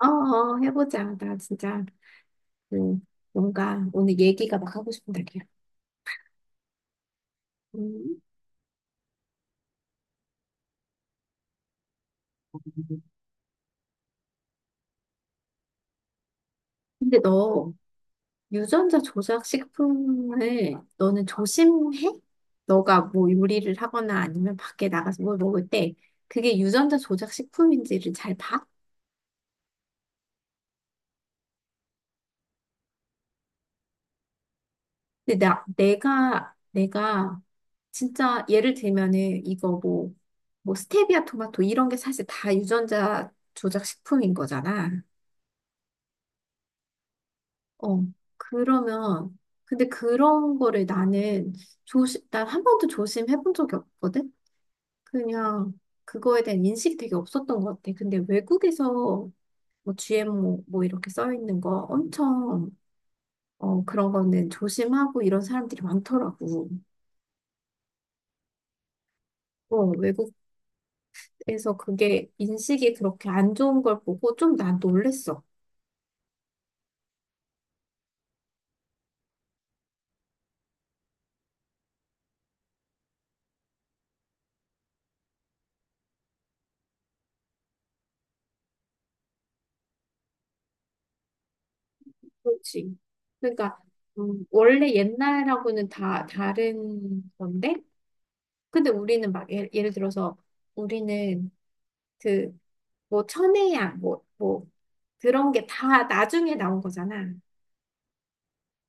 어, 어, 해보자. 나 진짜, 음, 뭔가 오늘 얘기가 막 하고 싶은 날이야. 음. 근데 너 유전자 조작 식품을 너는 조심해? 너가 뭐 요리를 하거나 아니면 밖에 나가서 뭘 먹을 때 그게 유전자 조작 식품인지를 잘 봐? 근데 내가 진짜 예를 들면은 이거 뭐, 뭐 스테비아 토마토 이런 게 사실 다 유전자 조작 식품인 거잖아. 어, 그러면, 근데 그런 거를 나는 조심, 난 한 번도 조심해본 적이 없거든? 그냥 그거에 대한 인식이 되게 없었던 것 같아. 근데 외국에서 뭐 GMO 뭐 이렇게 써 있는 거 엄청, 어, 그런 거는 조심하고 이런 사람들이 많더라고. 어, 외국에서 그게 인식이 그렇게 안 좋은 걸 보고 좀 난 놀랬어. 그렇지. 그러니까, 원래 옛날하고는 다 다른 건데, 근데 우리는 막 예를 들어서 우리는 그 뭐 천혜야 뭐 뭐 그런 게 다 나중에 나온 거잖아.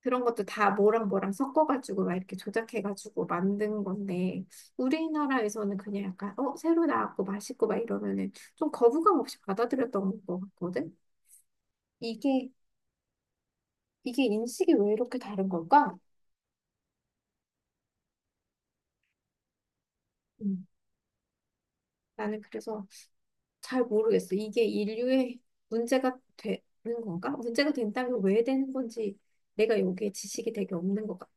그런 것도 다 뭐랑 뭐랑 섞어가지고 막 이렇게 조작해가지고 만든 건데 우리나라에서는 그냥 약간 어 새로 나왔고 맛있고 막 이러면은 좀 거부감 없이 받아들였던 것 같거든. 이게 이게 인식이 왜 이렇게 다른 걸까? 음, 나는 그래서 잘 모르겠어. 이게 인류의 문제가 되는 건가? 문제가 된다면 왜 되는 건지 내가 여기에 지식이 되게 없는 것 같아.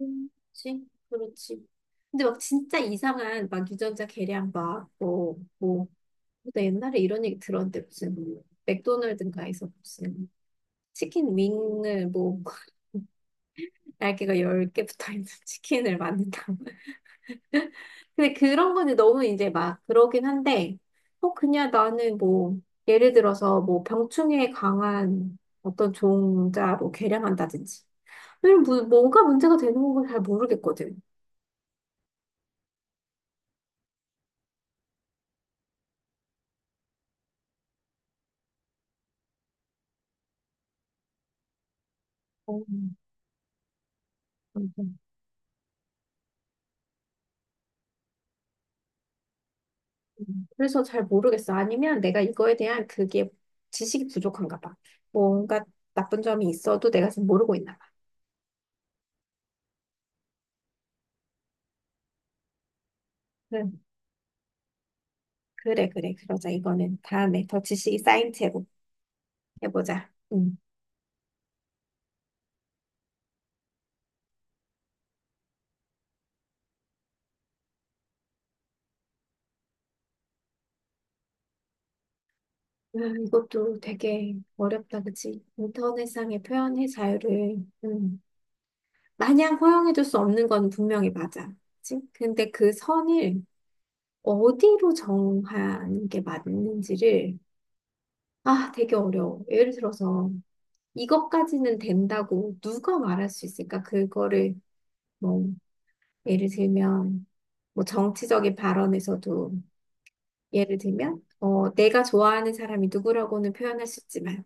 음. 그렇지, 그렇지. 근데 막 진짜 이상한 막 유전자 계량 막 뭐, 뭐, 나 옛날에 이런 얘기 들었는데 무슨 맥도날드인가에서 무슨 치킨 윙을 뭐 날개가 10개 붙어 있는 치킨을 만든다고. 근데 그런 거는 너무 이제 막 그러긴 한데, 어, 그냥 나는 뭐, 예를 들어서 뭐 병충해에 강한 어떤 종자로 개량한다든지. 이런 뭔가 문제가 되는 건 잘 모르겠거든. 어, 맞아. 그래서 잘 모르겠어. 아니면 내가 이거에 대한 그게 지식이 부족한가 봐. 뭔가 나쁜 점이 있어도 내가 지금 모르고 있나 봐. 응, 그래, 그래, 그러자. 이거는 다음에 더 지식이 쌓인 채로 해보자. 응. 이것도 되게 어렵다, 그치? 인터넷상의 표현의 자유를, 마냥 허용해줄 수 없는 건 분명히 맞아. 그치? 근데 그 선을 어디로 정하는 게 맞는지를, 아, 되게 어려워. 예를 들어서, 이것까지는 된다고 누가 말할 수 있을까? 그거를, 뭐, 예를 들면, 뭐, 정치적인 발언에서도, 예를 들면, 어, 내가 좋아하는 사람이 누구라고는 표현할 수 있지만,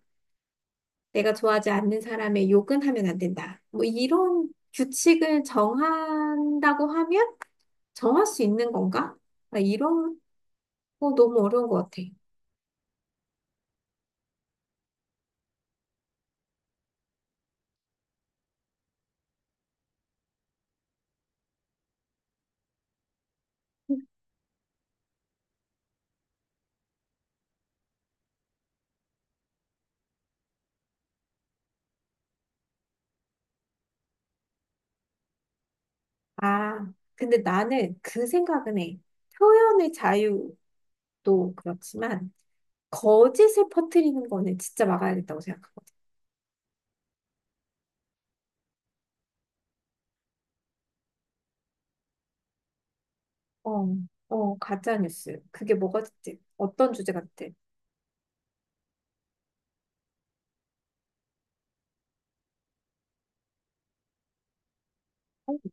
내가 좋아하지 않는 사람의 욕은 하면 안 된다. 뭐 이런 규칙을 정한다고 하면 정할 수 있는 건가? 나 이런 거 너무 어려운 것 같아. 아, 근데 나는 그 생각은 해. 표현의 자유도 그렇지만, 거짓을 퍼뜨리는 거는 진짜 막아야겠다고 생각하거든. 어, 어, 가짜뉴스. 그게 뭐가 됐든, 어떤 주제같아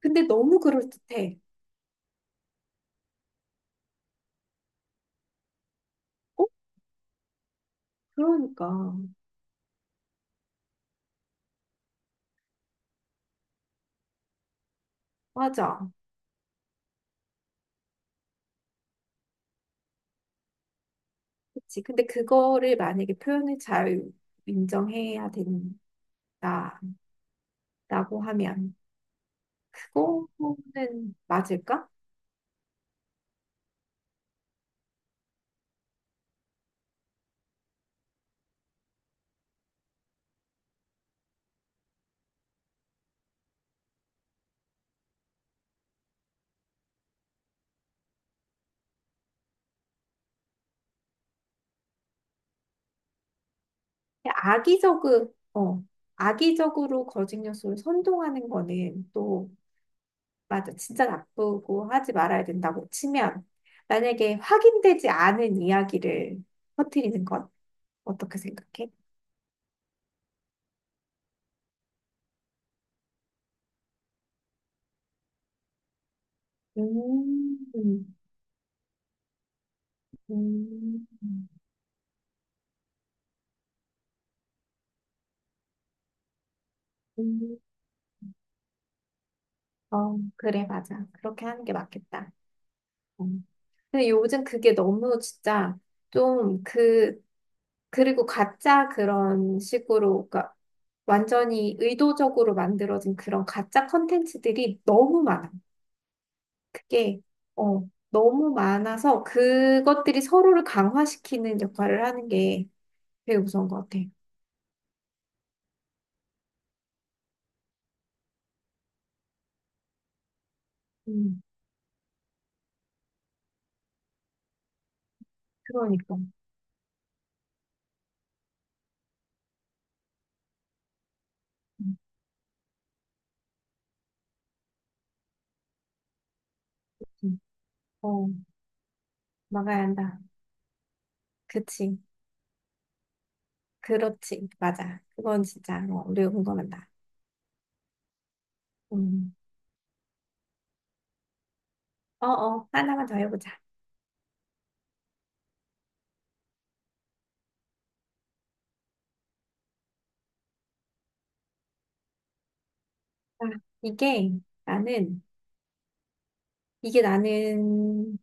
근데 너무 그럴듯해. 어? 그러니까. 맞아. 그치. 근데 그거를 만약에 표현을 잘 인정해야 된다라고 하면 그거는 맞을까? 그냥 악의적으로, 어, 악의적으로 거짓 요소를 선동하는 거는 또 맞아. 진짜 나쁘고 하지 말아야 된다고 치면 만약에 확인되지 않은 이야기를 퍼뜨리는 건 어떻게 생각해? 음, 음, 음. 어, 그래, 맞아. 그렇게 하는 게 맞겠다. 근데 요즘 그게 너무 진짜 좀 그, 그리고 가짜 그런 식으로, 그러니까 완전히 의도적으로 만들어진 그런 가짜 컨텐츠들이 너무 많아. 그게, 어, 너무 많아서 그것들이 서로를 강화시키는 역할을 하는 게 되게 무서운 것 같아. 음, 그러니까. 음, 음. 어, 막아야 한다. 그치. 그렇지. 맞아. 그건 진짜, 어, 우리가 공감한다. 음. 어, 어, 하나만 더 해보자. 아, 이게 나는, 이게 나는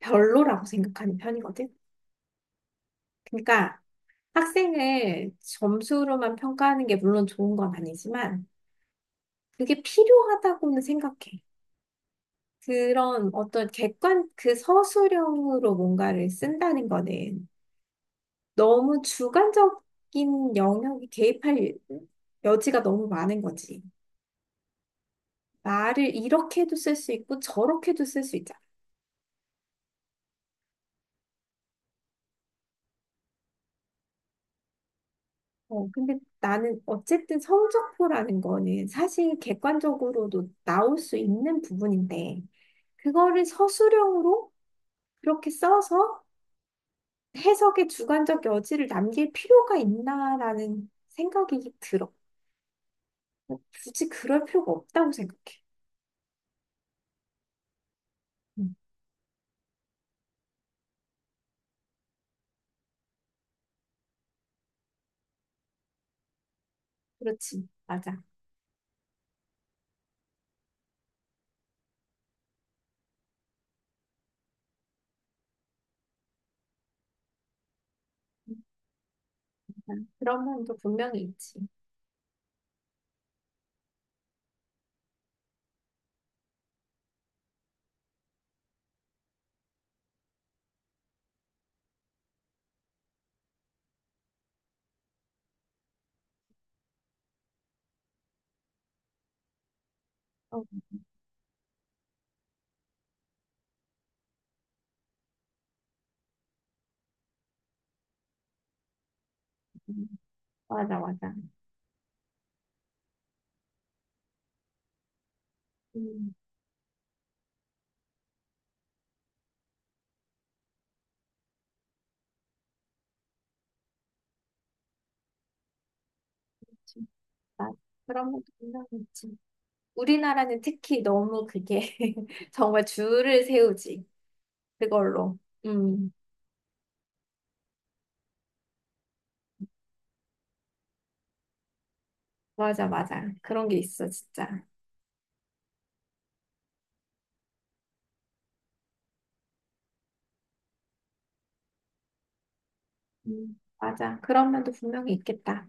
별로라고 생각하는 편이거든. 그러니까 학생을 점수로만 평가하는 게 물론 좋은 건 아니지만 그게 필요하다고는 생각해. 그런 어떤 객관, 그 서술형으로 뭔가를 쓴다는 거는 너무 주관적인 영역에 개입할 여지가 너무 많은 거지. 말을 이렇게도 쓸 수 있고 저렇게도 쓸 수 있잖아. 어, 근데 나는 어쨌든 성적표라는 거는 사실 객관적으로도 나올 수 있는 부분인데, 그거를 서술형으로 그렇게 써서 해석의 주관적 여지를 남길 필요가 있나라는 생각이 들어. 굳이 그럴 필요가 없다고 생각해. 음, 그렇지. 맞아. 음, 맞아. 그런 면도 분명히 있지. 어, 음, 맞아, 맞아. 음, 그렇지. 맞아. 그런 면도 분명히 있지. 우리나라는 특히 너무 그게 정말 줄을 세우지. 그걸로. 음, 맞아, 맞아. 그런 게 있어, 진짜. 맞아. 그런 면도 분명히 있겠다.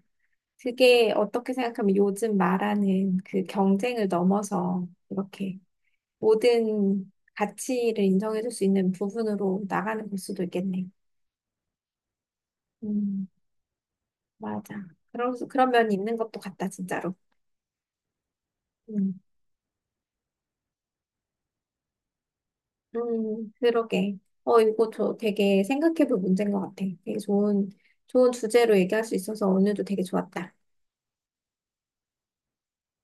그게 어떻게 생각하면 요즘 말하는 그 경쟁을 넘어서 이렇게 모든 가치를 인정해줄 수 있는 부분으로 나가는 걸 수도 있겠네. 음, 맞아. 그런, 그런 면이 있는 것도 같다, 진짜로. 음. 그러게. 어, 이거 저 되게 생각해볼 문제인 것 같아. 되게 좋은, 좋은 주제로 얘기할 수 있어서 오늘도 되게 좋았다.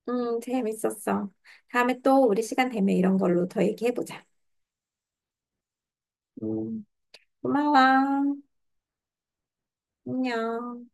재밌었어. 다음에 또 우리 시간 되면 이런 걸로 더 얘기해보자. 음, 고마워. 안녕.